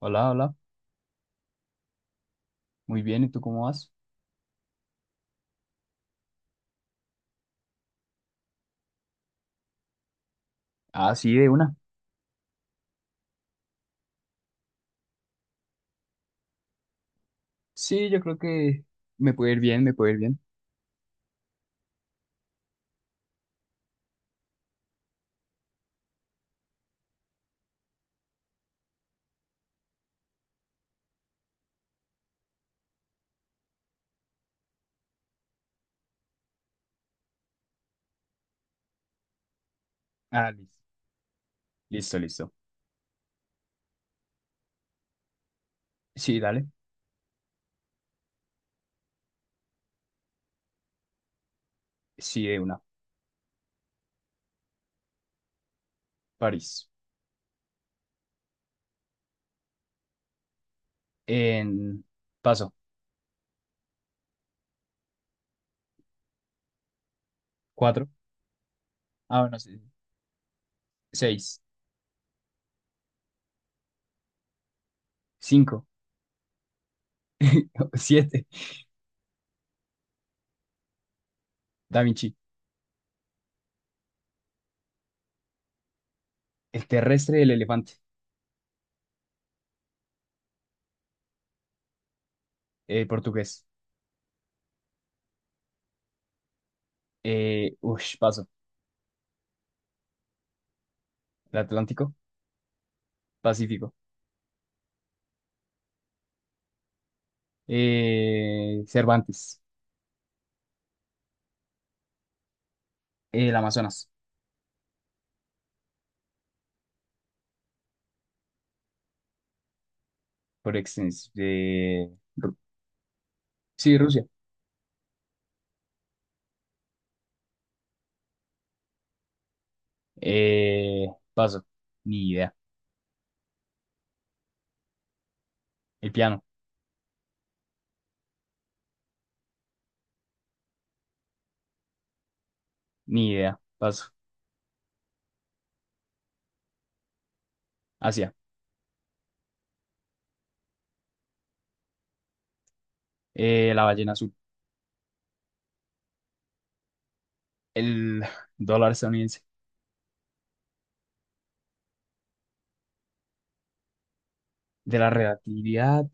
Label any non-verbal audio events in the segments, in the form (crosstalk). Hola, hola. Muy bien, ¿y tú cómo vas? Ah, sí, de una. Sí, yo creo que me puede ir bien, me puede ir bien. Ah, listo. Listo, listo. Sí, dale. Sí, de una. París. En Paso. Cuatro. Ah, bueno, sí. Seis. Cinco. (laughs) Siete. Da Vinci. El elefante. Portugués. Paso. El Atlántico. Pacífico. Cervantes. El Amazonas. Por extensión. Ru- sí, Rusia. Eh, Paso. Ni idea. El piano. Ni idea. Paso. Asia. La ballena azul. El (laughs) dólar estadounidense. De la relatividad.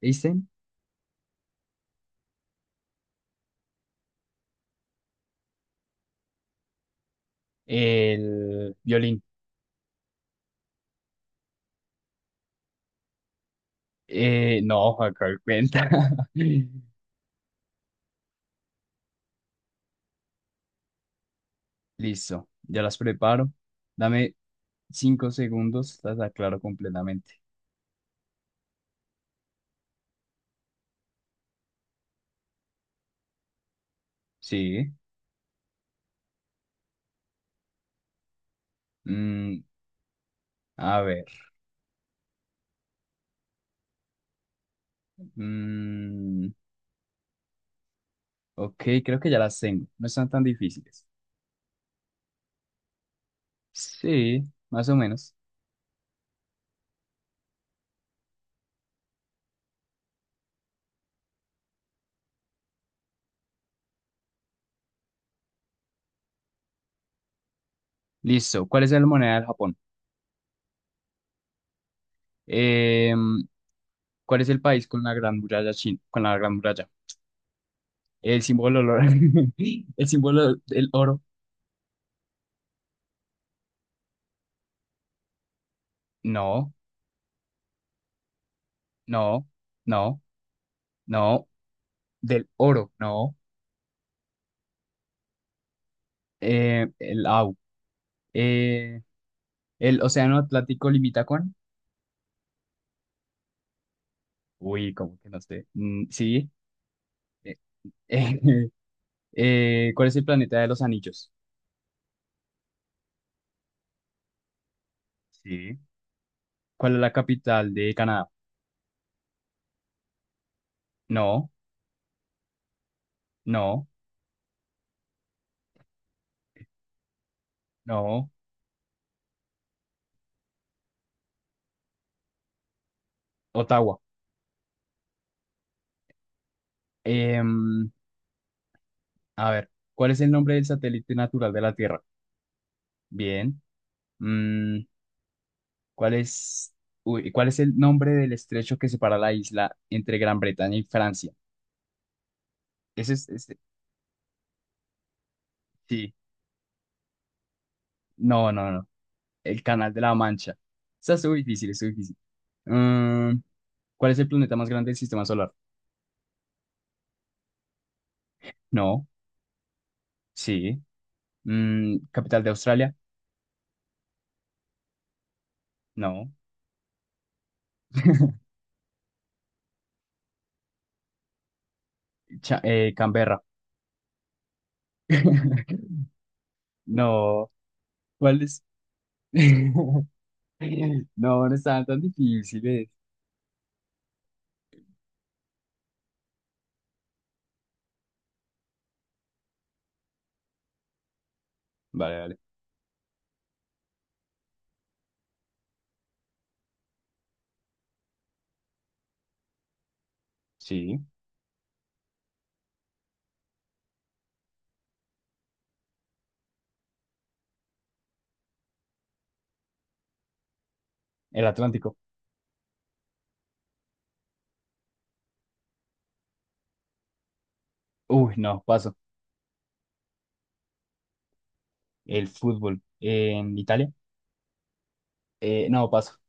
Einstein. El violín. No, acá cuenta. (laughs) Listo. Ya las preparo. Dame 5 segundos. Las aclaro completamente. Sí. Mm, a ver. Mm, ok, creo que ya las tengo. No están tan difíciles. Sí, más o menos. Listo. ¿Cuál es la moneda del Japón? Em, ¿Cuál es el país con la gran muralla china? Con la gran muralla. El símbolo del oro. (laughs) El símbolo del oro. No, no, no, no. Del oro, no. El au. Eh, el océano Atlántico limita con. Uy, como que no sé. Mm, sí. Eh, eh, (laughs) ¿Cuál es el planeta de los anillos? Sí. ¿Cuál es la capital de Canadá? No, no, no. Ottawa. Em, A ver, ¿cuál es el nombre del satélite natural de la Tierra? Bien. Mm, ¿cuál es, Uy, ¿cuál es el nombre del estrecho que separa la isla entre Gran Bretaña y Francia? Ese es, sí. No, no, no. El Canal de la Mancha. Está muy difícil, es difícil. Mm, ¿Cuál es el planeta más grande del sistema solar? No. Sí. ¿Capital de Australia? No. (laughs) Canberra. (laughs) No. ¿Cuál es? (laughs) No, no estaban tan difíciles. Vale, vale. Sí. El Atlántico. Uy, no, paso. El fútbol. En Italia. No, paso.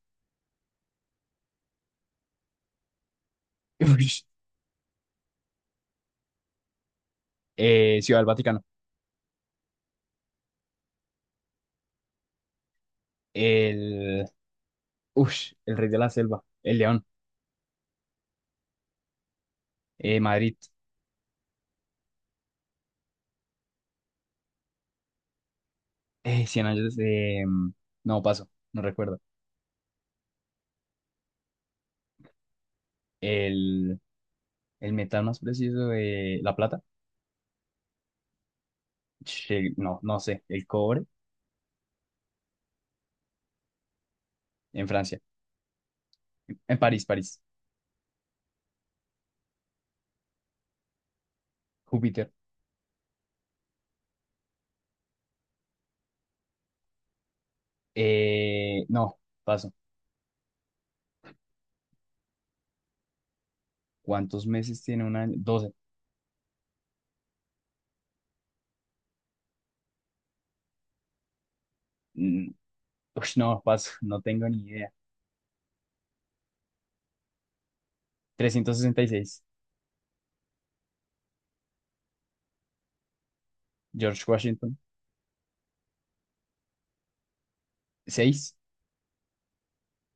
(laughs) Ush. Ciudad del Vaticano. El. Ush, el Rey de la Selva. El León. Madrid. Cien años. No, paso. No recuerdo. El. El metal más preciso de la plata. Che, no, no sé. El cobre. En Francia. En París, París. Júpiter. No, paso. ¿Cuántos meses tiene un año? 12. Uy, no, paso, no tengo ni idea. 366. George Washington. Seis.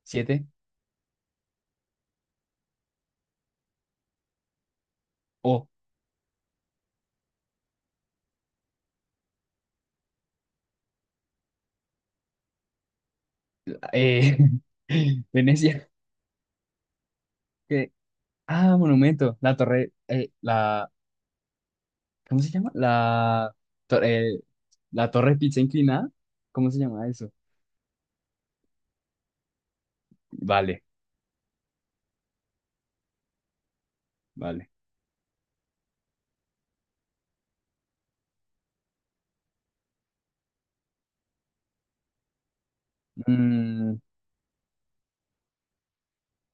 Siete. O. eh, (laughs) Venecia, que, ah, monumento, la torre, ¿cómo se llama? Tor- eh, la torre pizza inclinada, ¿cómo se llama eso? Vale, vale. Mm,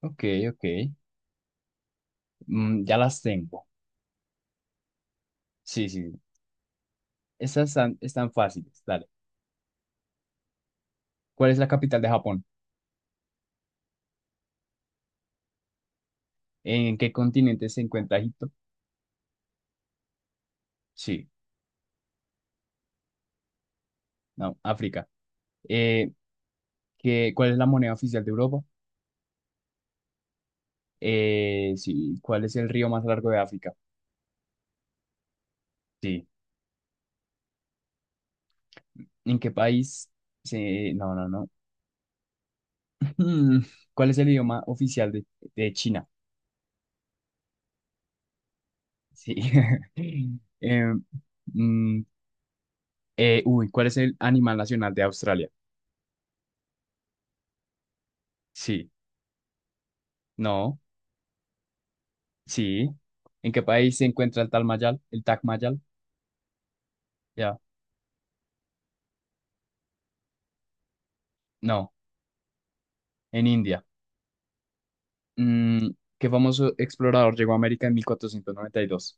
ok, ok, ya las tengo. Sí, sí, sí. Esas están fáciles, dale. ¿Cuál es la capital de Japón? ¿En qué continente se encuentra Egipto? Sí, no, África. eh, ¿Cuál es la moneda oficial de Europa? Sí, ¿cuál es el río más largo de África? Sí. ¿En qué país? Sí, no, no, no. (laughs) Hmm, ¿Cuál es el idioma oficial de China? Sí. (laughs) Eh, mm, Uy, ¿cuál es el animal nacional de Australia? Sí. No. Sí. ¿En qué país se encuentra el Tal Mayal? ¿El Taj Mahal? Ya. No. En India. Mm, ¿Qué famoso explorador llegó a América en 1492?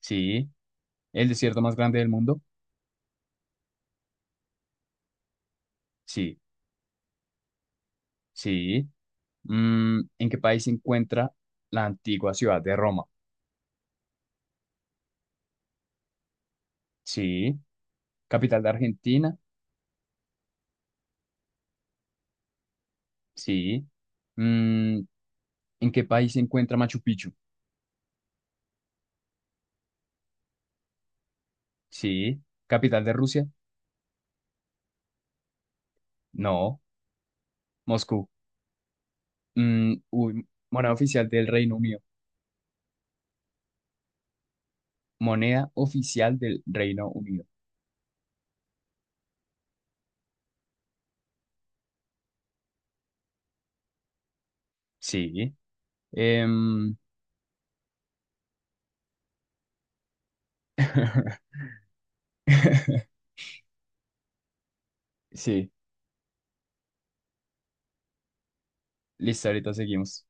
Sí. ¿El desierto más grande del mundo? Sí, sí. ¿En qué país se encuentra la antigua ciudad de Roma? Sí. ¿Capital de Argentina? Sí. Mm, ¿En qué país se encuentra Machu Picchu? Sí. ¿Capital de Rusia? No. Moscú. Uy, moneda oficial del Reino Unido. Moneda oficial del Reino Unido. Sí. Em, (laughs) sí. Listo, ahorita seguimos.